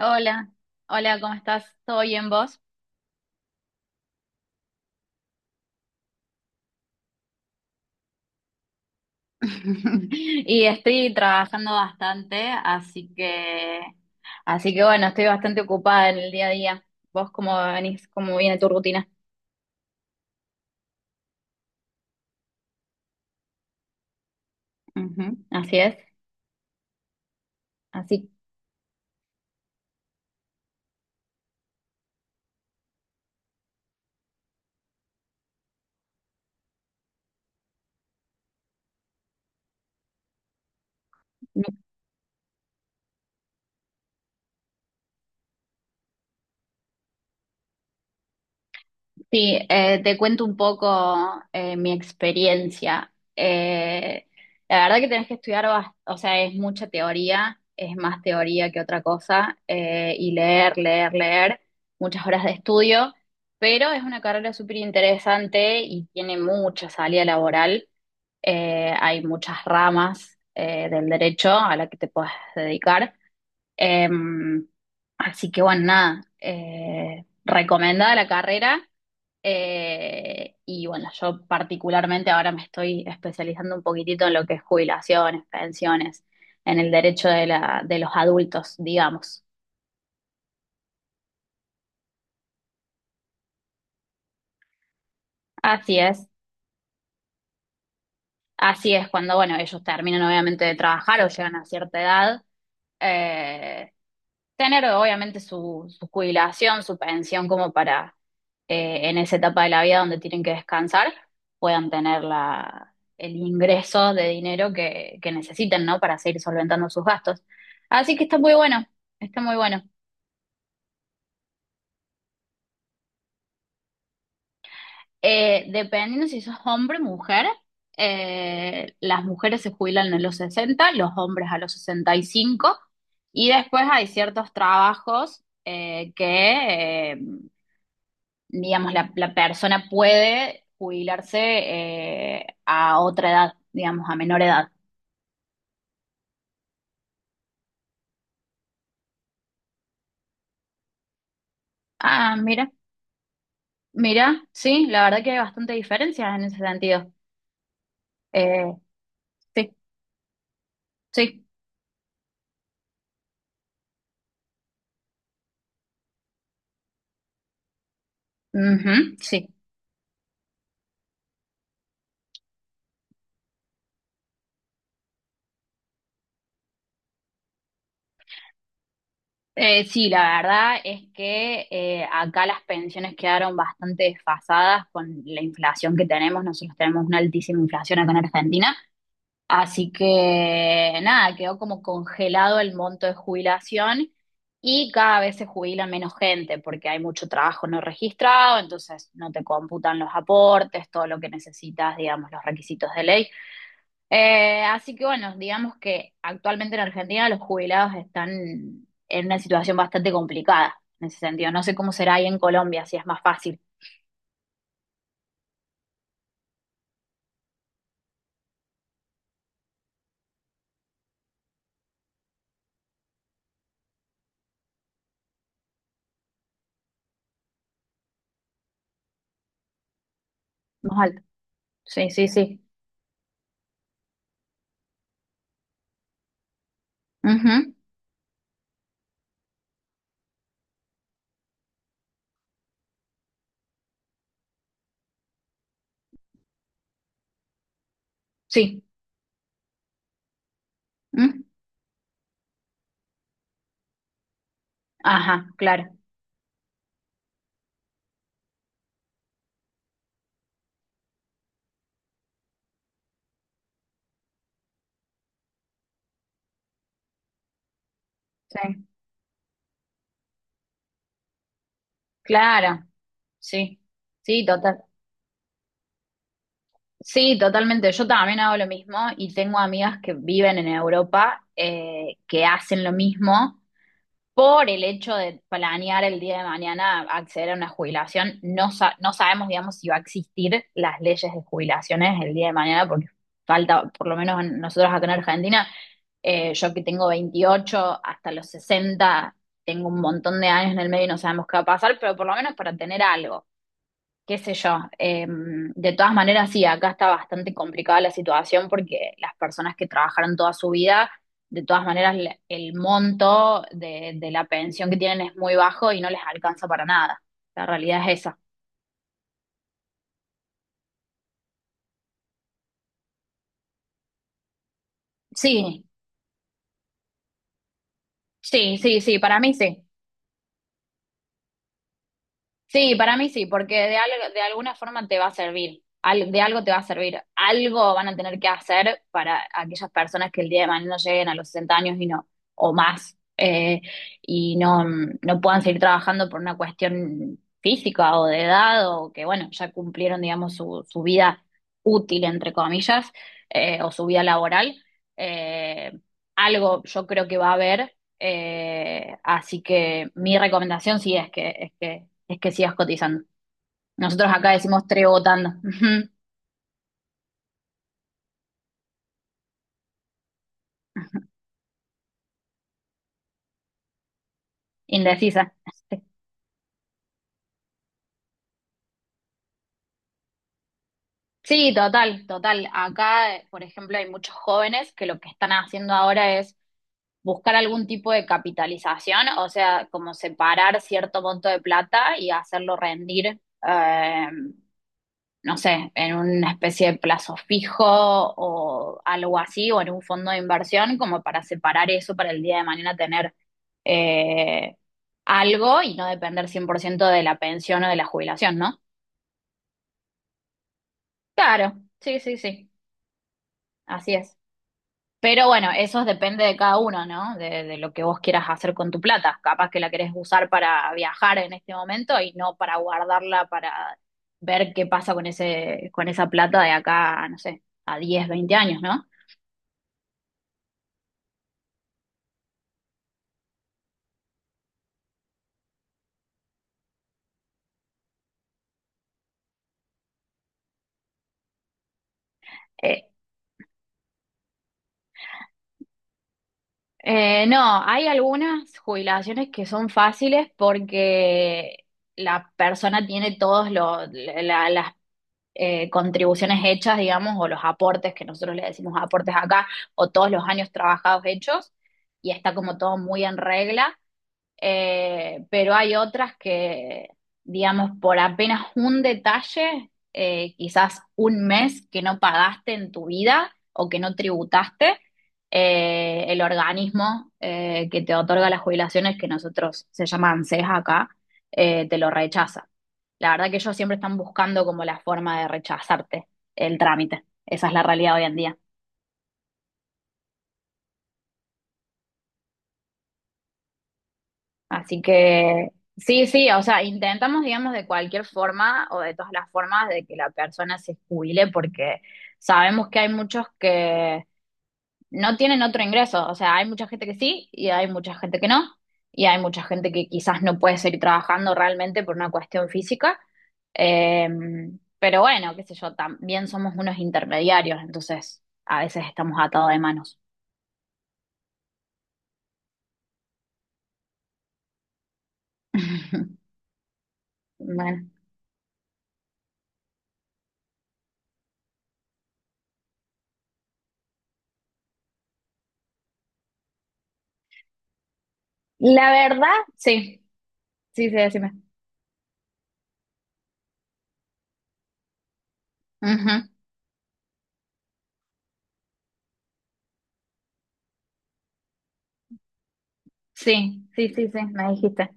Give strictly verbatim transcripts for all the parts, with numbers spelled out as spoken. Hola, hola, ¿cómo estás? ¿Todo bien vos? Y estoy trabajando bastante, así que, así que bueno, estoy bastante ocupada en el día a día. ¿Vos cómo venís? ¿Cómo viene tu rutina? Ujú, así es, así. Sí, eh, te cuento un poco eh, mi experiencia. Eh, la verdad que tenés que estudiar, bas- o sea, es mucha teoría, es más teoría que otra cosa, eh, y leer, leer, leer, muchas horas de estudio, pero es una carrera súper interesante y tiene mucha salida laboral. Eh, hay muchas ramas eh, del derecho a la que te puedes dedicar. Em, Así que bueno, nada, eh, recomendada la carrera. Eh, y bueno, yo particularmente ahora me estoy especializando un poquitito en lo que es jubilaciones, pensiones, en el derecho de la, de los adultos, digamos. Así es, así es cuando, bueno, ellos terminan obviamente de trabajar o llegan a cierta edad, eh, tener obviamente su, su jubilación, su pensión como para, eh, en esa etapa de la vida donde tienen que descansar, puedan tener la, el ingreso de dinero que, que necesiten, ¿no? Para seguir solventando sus gastos. Así que está muy bueno, está muy bueno. Eh, dependiendo si sos hombre o mujer, eh, las mujeres se jubilan a los sesenta, los hombres a los sesenta y cinco, y cinco, y después hay ciertos trabajos eh, que... eh, digamos, la, la persona puede jubilarse, eh, a otra edad, digamos, a menor edad. Ah, mira, mira, sí, la verdad que hay bastante diferencias en ese sentido. Eh, sí, sí, ujú, sí. Eh, sí, la verdad es que, eh, acá las pensiones quedaron bastante desfasadas con la inflación que tenemos. Nosotros tenemos una altísima inflación acá en Argentina. Así que nada, quedó como congelado el monto de jubilación y cada vez se jubila menos gente porque hay mucho trabajo no registrado, entonces no te computan los aportes, todo lo que necesitas, digamos, los requisitos de ley. Eh, así que bueno, digamos que actualmente en Argentina los jubilados están en una situación bastante complicada en ese sentido. No sé cómo será ahí en Colombia, si es más fácil. Más alto. Sí, sí, sí. Ujú, sí. Mm. Ajá, claro. Sí. Claro, sí, sí, total, sí, totalmente. Yo también hago lo mismo y tengo amigas que viven en Europa, eh, que hacen lo mismo por el hecho de planear el día de mañana acceder a una jubilación. No, sa- no sabemos, digamos, si va a existir las leyes de jubilaciones el día de mañana porque falta, por lo menos en- nosotros acá en Argentina. Eh, yo que tengo veintiocho hasta los sesenta, tengo un montón de años en el medio y no sabemos qué va a pasar, pero por lo menos para tener algo. Qué sé yo. Eh, de todas maneras, sí, acá está bastante complicada la situación porque las personas que trabajaron toda su vida, de todas maneras, le- el monto de, de la pensión que tienen es muy bajo y no les alcanza para nada. La realidad es esa. Sí, sí, sí, sí, para mí sí. Sí, para mí sí, porque de, algo, de alguna forma te va a servir, al- de algo te va a servir, algo van a tener que hacer para aquellas personas que el día de mañana lleguen a los sesenta años y no, o más, eh, y no, mm, no puedan seguir trabajando por una cuestión física o de edad, o que bueno, ya cumplieron, digamos, su, su vida útil, entre comillas, eh, o su vida laboral. Eh, Algo yo creo que va a haber, eh, así que mi recomendación sí es que, es que, es que sigas cotizando. Nosotros acá decimos trebotando. Indecisa. Sí, total, total. Acá, eh, por ejemplo, hay muchos jóvenes que lo que están haciendo ahora es buscar algún tipo de capitalización, o sea, como separar cierto monto de plata y hacerlo rendir, eh, no sé, en una especie de plazo fijo o algo así, o en un fondo de inversión, como para separar eso para el día de mañana tener, eh, algo y no depender cien por ciento de la pensión o de la jubilación, ¿no? Claro, sí, sí, sí, así es. Pero bueno, eso depende de cada uno, ¿no? De, de lo que vos quieras hacer con tu plata. Capaz que la querés usar para viajar en este momento y no para guardarla para ver qué pasa con ese, con esa plata de acá, no sé, a diez veinte años, ¿no? Eh, eh, no, hay algunas jubilaciones que son fáciles porque la persona tiene todas las, eh, contribuciones hechas, digamos, o los aportes, que nosotros le decimos aportes acá, o todos los años trabajados hechos, y está como todo muy en regla. Eh, pero hay otras que, digamos, por apenas un detalle, eh, quizás un mes que no pagaste en tu vida o que no tributaste, eh, el organismo eh, que te otorga las jubilaciones, que nosotros se llama ANSES acá, eh, te lo rechaza. La verdad que ellos siempre están buscando como la forma de rechazarte el trámite. Esa es la realidad hoy en día. Así que sí, sí, o sea, intentamos, digamos, de cualquier forma o de todas las formas de que la persona se jubile porque sabemos que hay muchos que no tienen otro ingreso, o sea, hay mucha gente que sí y hay mucha gente que no, y hay mucha gente que quizás no puede seguir trabajando realmente por una cuestión física. Eh, pero bueno, qué sé yo, también somos unos intermediarios, entonces a veces estamos atados de manos. Bueno, la verdad, sí, sí, sí, decime. Sí, sí, sí, sí, me dijiste.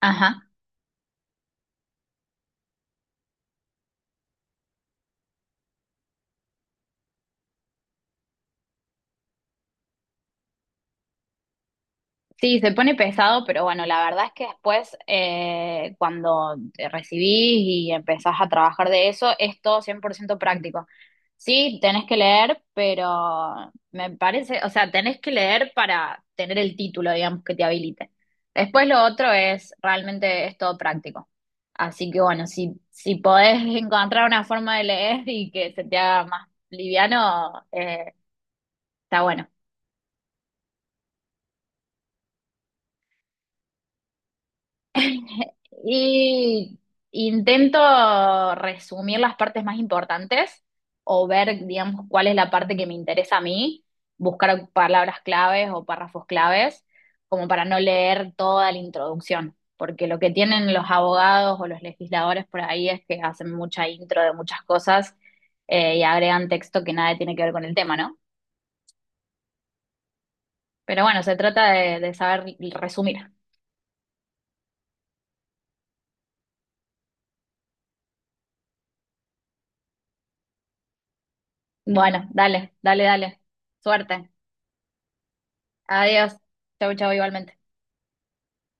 Ajá. Sí, se pone pesado, pero bueno, la verdad es que después, eh, cuando te recibís y empezás a trabajar de eso, es todo cien por ciento práctico. Sí, tenés que leer, pero me parece, o sea, tenés que leer para tener el título, digamos, que te habilite. Después lo otro es, realmente es todo práctico. Así que bueno, si, si podés encontrar una forma de leer y que se te haga más liviano, eh, está bueno. Y intento resumir las partes más importantes o ver, digamos, cuál es la parte que me interesa a mí, buscar palabras claves o párrafos claves, como para no leer toda la introducción, porque lo que tienen los abogados o los legisladores por ahí es que hacen mucha intro de muchas cosas, eh, y agregan texto que nada tiene que ver con el tema, ¿no? Pero bueno, se trata de, de saber resumir. Bueno, dale, dale, dale. Suerte. Adiós. Chau, chau, igualmente.